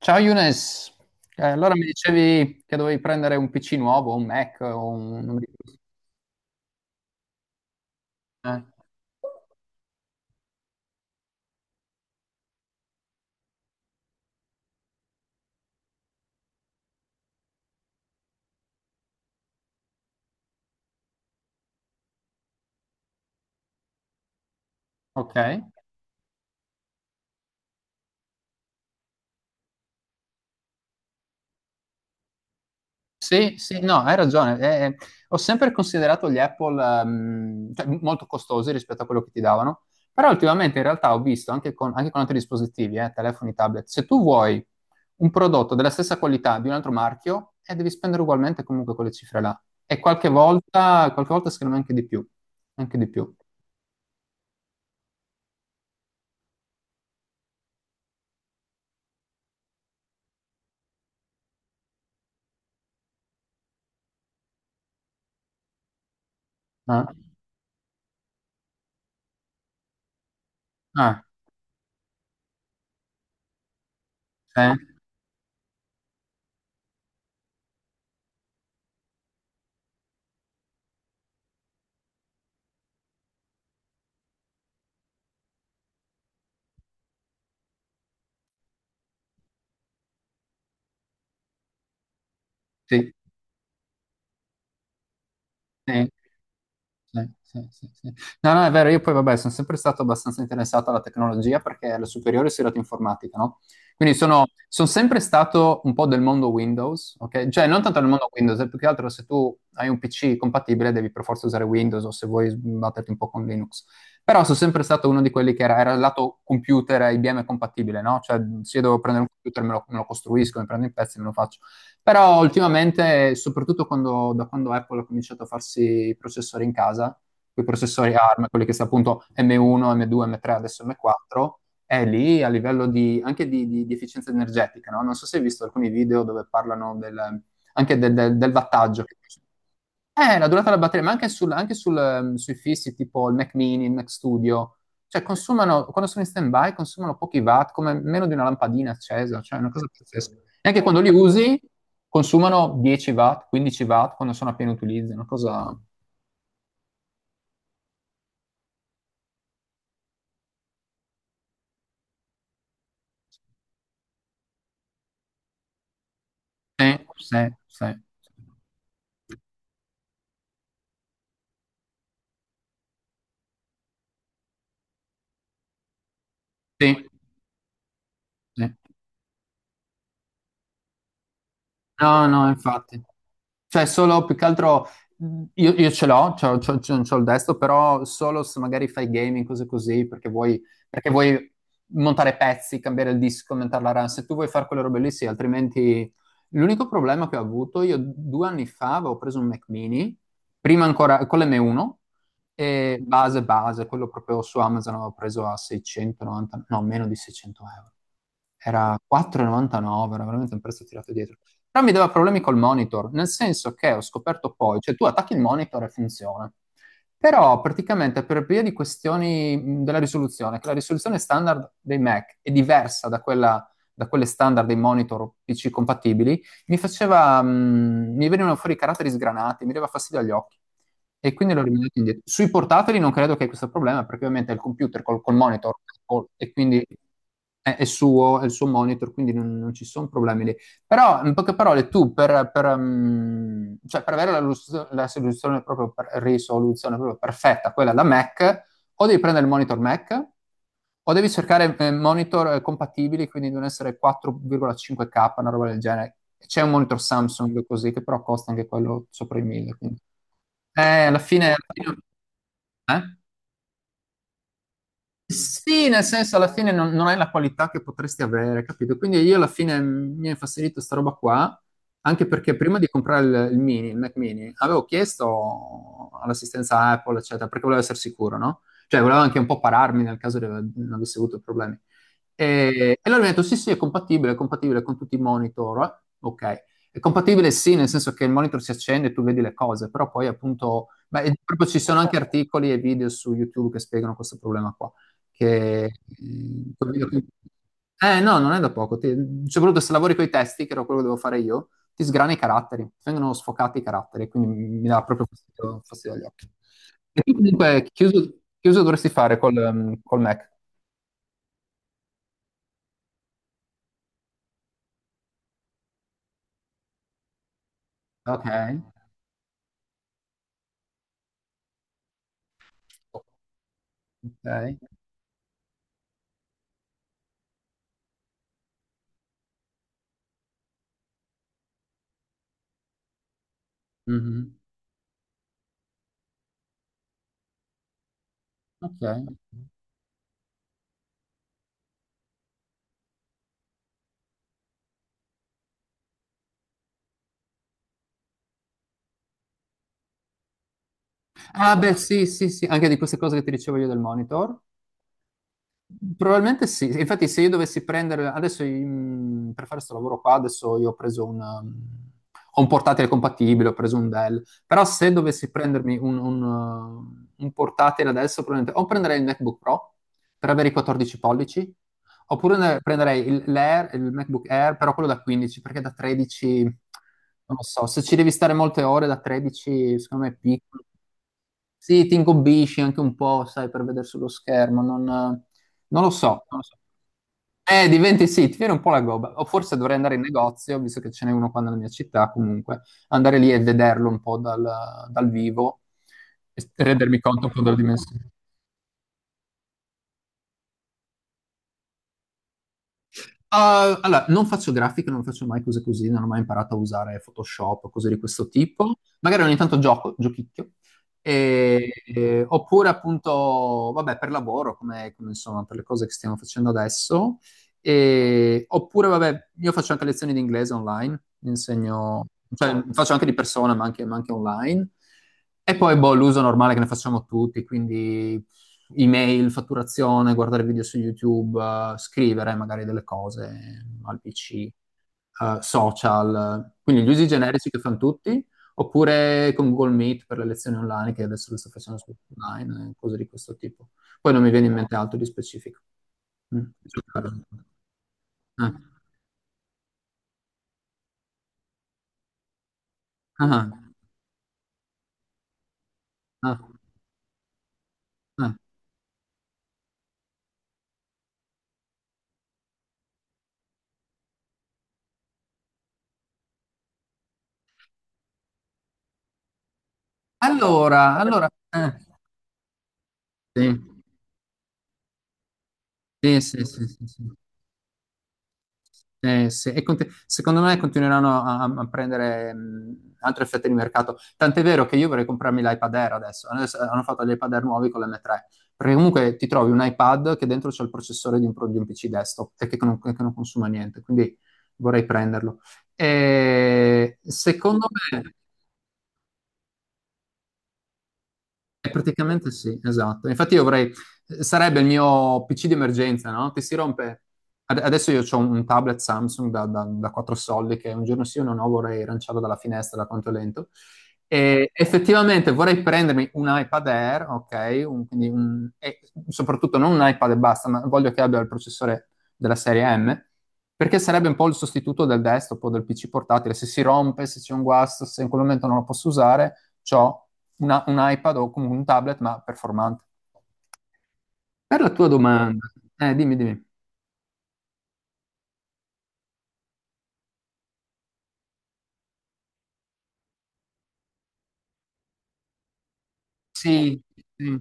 Ciao Younes. Allora mi dicevi che dovevi prendere un PC nuovo, un Mac o un... non mi ricordo. Ok. Sì, sì, no, hai ragione. Ho sempre considerato gli Apple, cioè, molto costosi rispetto a quello che ti davano, però ultimamente in realtà ho visto anche con altri dispositivi, telefoni, tablet, se tu vuoi un prodotto della stessa qualità di un altro marchio, devi spendere ugualmente comunque quelle cifre là. E qualche volta secondo me anche di più, anche di più. Eh? Ah, eh, sì. Sì, sì, sì, sì, sì. No, no, è vero, io poi vabbè, sono sempre stato abbastanza interessato alla tecnologia perché alle superiori ho studiato informatica, no? Quindi sono sempre stato un po' del mondo Windows, ok? Cioè, non tanto del mondo Windows, è più che altro se tu hai un PC compatibile devi per forza usare Windows o se vuoi batterti un po' con Linux. Però sono sempre stato uno di quelli che era il lato computer IBM compatibile, no? Cioè, se io devo prendere un computer me lo costruisco, mi prendo in pezzi e me lo faccio. Però ultimamente, soprattutto da quando Apple ha cominciato a farsi i processori in casa, quei processori ARM, quelli che sono appunto M1, M2, M3, adesso M4, è lì a livello di, anche di, di efficienza energetica, no? Non so se hai visto alcuni video dove parlano del wattaggio, che, la durata della batteria, ma anche, sui fissi, tipo il Mac Mini, il Mac Studio, cioè consumano, quando sono in stand-by, consumano pochi watt, come meno di una lampadina accesa, cioè è una cosa pazzesca. E anche quando li usi, consumano 10 watt, 15 watt, quando sono a pieno utilizzo, è una cosa. Eh, sì, sì, sì, sì, sì. No, no, infatti. Cioè, solo più che altro io ce l'ho, c'ho il destro, però solo se magari fai gaming, cose così, perché vuoi montare pezzi, cambiare il disco, aumentare la RAM. Se tu vuoi fare quelle robe lì, sì, altrimenti. L'unico problema che ho avuto, io 2 anni fa avevo preso un Mac mini, prima ancora con l'M1, e base base, quello proprio su Amazon avevo preso a 690, no, meno di 600 euro era 4,99, era veramente un prezzo tirato dietro. Però mi dava problemi col monitor, nel senso che ho scoperto poi, cioè tu attacchi il monitor e funziona. Però praticamente per via di questioni della risoluzione, che la risoluzione standard dei Mac è diversa da quella, da quelle standard dei monitor PC compatibili, mi venivano fuori i caratteri sgranati, mi dava fastidio agli occhi e quindi l'ho rimandato indietro. Sui portatili non credo che hai questo problema perché ovviamente è il computer col monitor e quindi è suo, è il suo monitor, quindi non ci sono problemi lì. Però, in poche parole, tu cioè, per avere la soluzione proprio risoluzione proprio perfetta, quella da Mac, o devi prendere il monitor Mac o devi cercare monitor compatibili, quindi devono essere 4,5K, una roba del genere. C'è un monitor Samsung così, che però costa anche quello sopra i 1000. Quindi. Eh, alla fine. Eh? Sì, nel senso alla fine non hai la qualità che potresti avere, capito? Quindi io alla fine mi ha infastidito sta roba qua, anche perché prima di comprare il mini, il Mac mini, avevo chiesto all'assistenza Apple, eccetera, perché volevo essere sicuro, no? Cioè volevo anche un po' pararmi nel caso non avessi avuto problemi. E loro mi hanno detto sì, sì, è compatibile con tutti i monitor, eh? Ok. È compatibile sì, nel senso che il monitor si accende e tu vedi le cose, però poi appunto. Beh, e proprio ci sono anche articoli e video su YouTube che spiegano questo problema qua che... col video che- eh no, non è da poco, soprattutto se lavori con i testi, che era quello che devo fare io, ti sgrana i caratteri, ti vengono sfocati i caratteri, quindi mi dà proprio fastidio, fastidio agli occhi. E tu comunque chiuso, chiuso dovresti fare col Mac. Ok, ok. Mhm. Ok. Ah beh sì, sì, sì, anche di queste cose che ti dicevo io del monitor. Probabilmente sì, infatti se io dovessi prendere, adesso per fare questo lavoro qua, adesso io ho un portatile compatibile, ho preso un Dell, però se dovessi prendermi un portatile adesso, probabilmente o prenderei il MacBook Pro per avere i 14 pollici, oppure prenderei l'Air, il MacBook Air, però quello da 15, perché da 13, non lo so, se ci devi stare molte ore da 13, secondo me è piccolo. Sì, ti ingobbisci anche un po', sai, per vedere sullo schermo, non lo so, non lo so. Diventi sì, ti viene un po' la gobba. O forse dovrei andare in negozio, visto che ce n'è uno qua nella mia città, comunque, andare lì e vederlo un po' dal vivo e rendermi conto un po' della dimensione. Ah, allora, non faccio grafica, non faccio mai cose così, non ho mai imparato a usare Photoshop, cose di questo tipo. Magari ogni tanto gioco, giochicchio. Oppure appunto, vabbè, per lavoro, come, insomma, per le cose che stiamo facendo adesso. Oppure, vabbè, io faccio anche lezioni di inglese online, insegno, cioè faccio anche di persona, ma anche online. E poi, boh, l'uso normale che ne facciamo tutti, quindi email, fatturazione, guardare video su YouTube, scrivere magari delle cose al PC, social, quindi gli usi generici che fanno tutti, oppure con Google Meet per le lezioni online, che adesso le sto facendo su online, cose di questo tipo. Poi non mi viene in mente altro di specifico. Mm. Eh. Ah, ah, ah, ah. Allora, sì, sì, sì, sì, sì. Sì, secondo me continueranno a prendere altre fette di mercato. Tant'è vero che io vorrei comprarmi l'iPad Air adesso. Adesso hanno fatto gli iPad Air nuovi con l'M3. Perché comunque ti trovi un iPad che dentro c'è il processore di un PC desktop e che non consuma niente. Quindi vorrei prenderlo. E secondo me. Praticamente sì, esatto. Infatti sarebbe il mio PC di emergenza, no? Che si rompe. Adesso io ho un tablet Samsung da 4 soldi che un giorno sì o no vorrei lanciarlo dalla finestra da quanto è lento. E effettivamente vorrei prendermi un iPad Air, ok? E soprattutto non un iPad e basta, ma voglio che abbia il processore della serie M, perché sarebbe un po' il sostituto del desktop o del PC portatile. Se si rompe, se c'è un guasto, se in quel momento non lo posso usare ho un iPad o comunque un tablet, ma performante. Per la tua domanda, dimmi, dimmi. Sì, sì,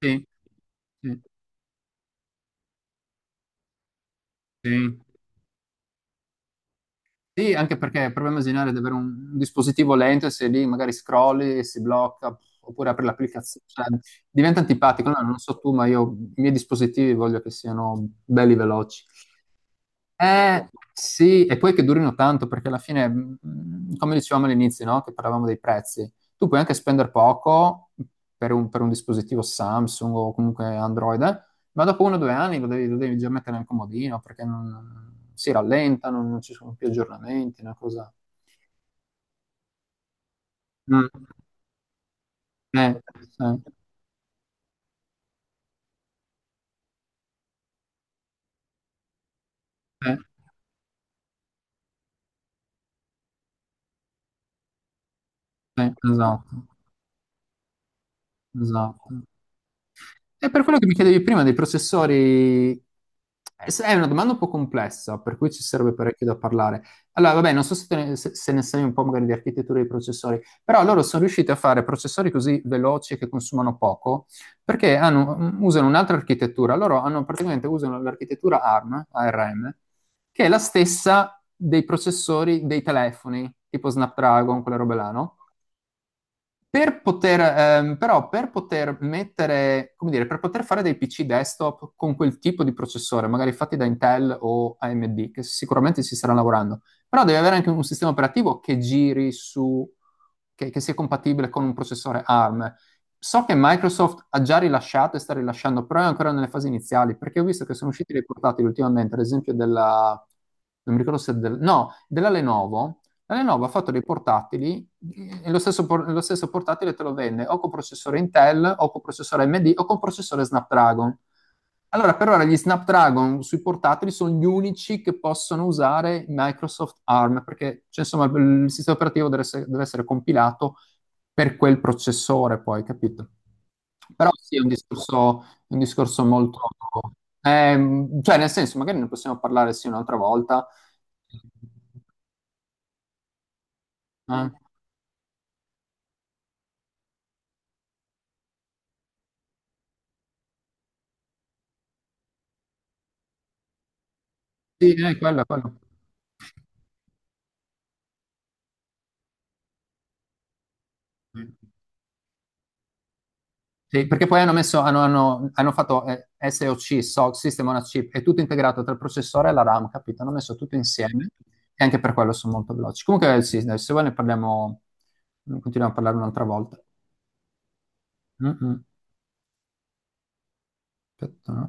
sì, sì, sì. Sì, anche perché proviamo a immaginare di avere un dispositivo lento e se lì magari scrolli e si blocca, pff, oppure apri l'applicazione, cioè, diventa antipatico. No, non so tu, ma io i miei dispositivi voglio che siano belli veloci. Sì, e poi che durino tanto, perché alla fine, come dicevamo all'inizio, no? Che parlavamo dei prezzi, tu puoi anche spendere poco per un dispositivo Samsung o comunque Android, ma dopo uno o 2 anni lo devi già mettere nel comodino, perché non, si rallenta, non ci sono più aggiornamenti, una cosa. Mm, eh, sì, eh, sì, esatto, esatto. E per quello che mi chiedevi prima dei processori, è una domanda un po' complessa, per cui ci sarebbe parecchio da parlare. Allora, vabbè, non so se ne sai un po' magari di architettura dei processori, però loro sono riusciti a fare processori così veloci e che consumano poco, perché usano un'altra architettura. Loro hanno praticamente usano l'architettura ARM, che è la stessa dei processori dei telefoni, tipo Snapdragon, quelle robe là, no? Però per poter mettere, come dire, per poter fare dei PC desktop con quel tipo di processore, magari fatti da Intel o AMD, che sicuramente si stanno lavorando, però devi avere anche un sistema operativo che giri su, che sia compatibile con un processore ARM. So che Microsoft ha già rilasciato e sta rilasciando, però è ancora nelle fasi iniziali, perché ho visto che sono usciti dei portatili ultimamente, ad esempio della, non mi ricordo se del, no, della Lenovo, la Lenovo ha fatto dei portatili e lo stesso portatile te lo vende o con processore Intel o con processore AMD o con processore Snapdragon. Allora, per ora gli Snapdragon sui portatili sono gli unici che possono usare Microsoft ARM, perché cioè, insomma il sistema operativo deve essere compilato per quel processore, poi, capito? Però sì, è un discorso molto. Cioè, nel senso, magari ne possiamo parlare sì un'altra volta. Eh. Sì, quello, quello. Sì, perché poi hanno messo, hanno fatto SoC, System on a Chip, è tutto integrato tra il processore e la RAM, capito? Hanno messo tutto insieme e anche per quello sono molto veloci. Comunque, sì, dai, se vuoi ne parliamo, continuiamo a parlare un'altra volta. Mm, mm. Aspetta, no?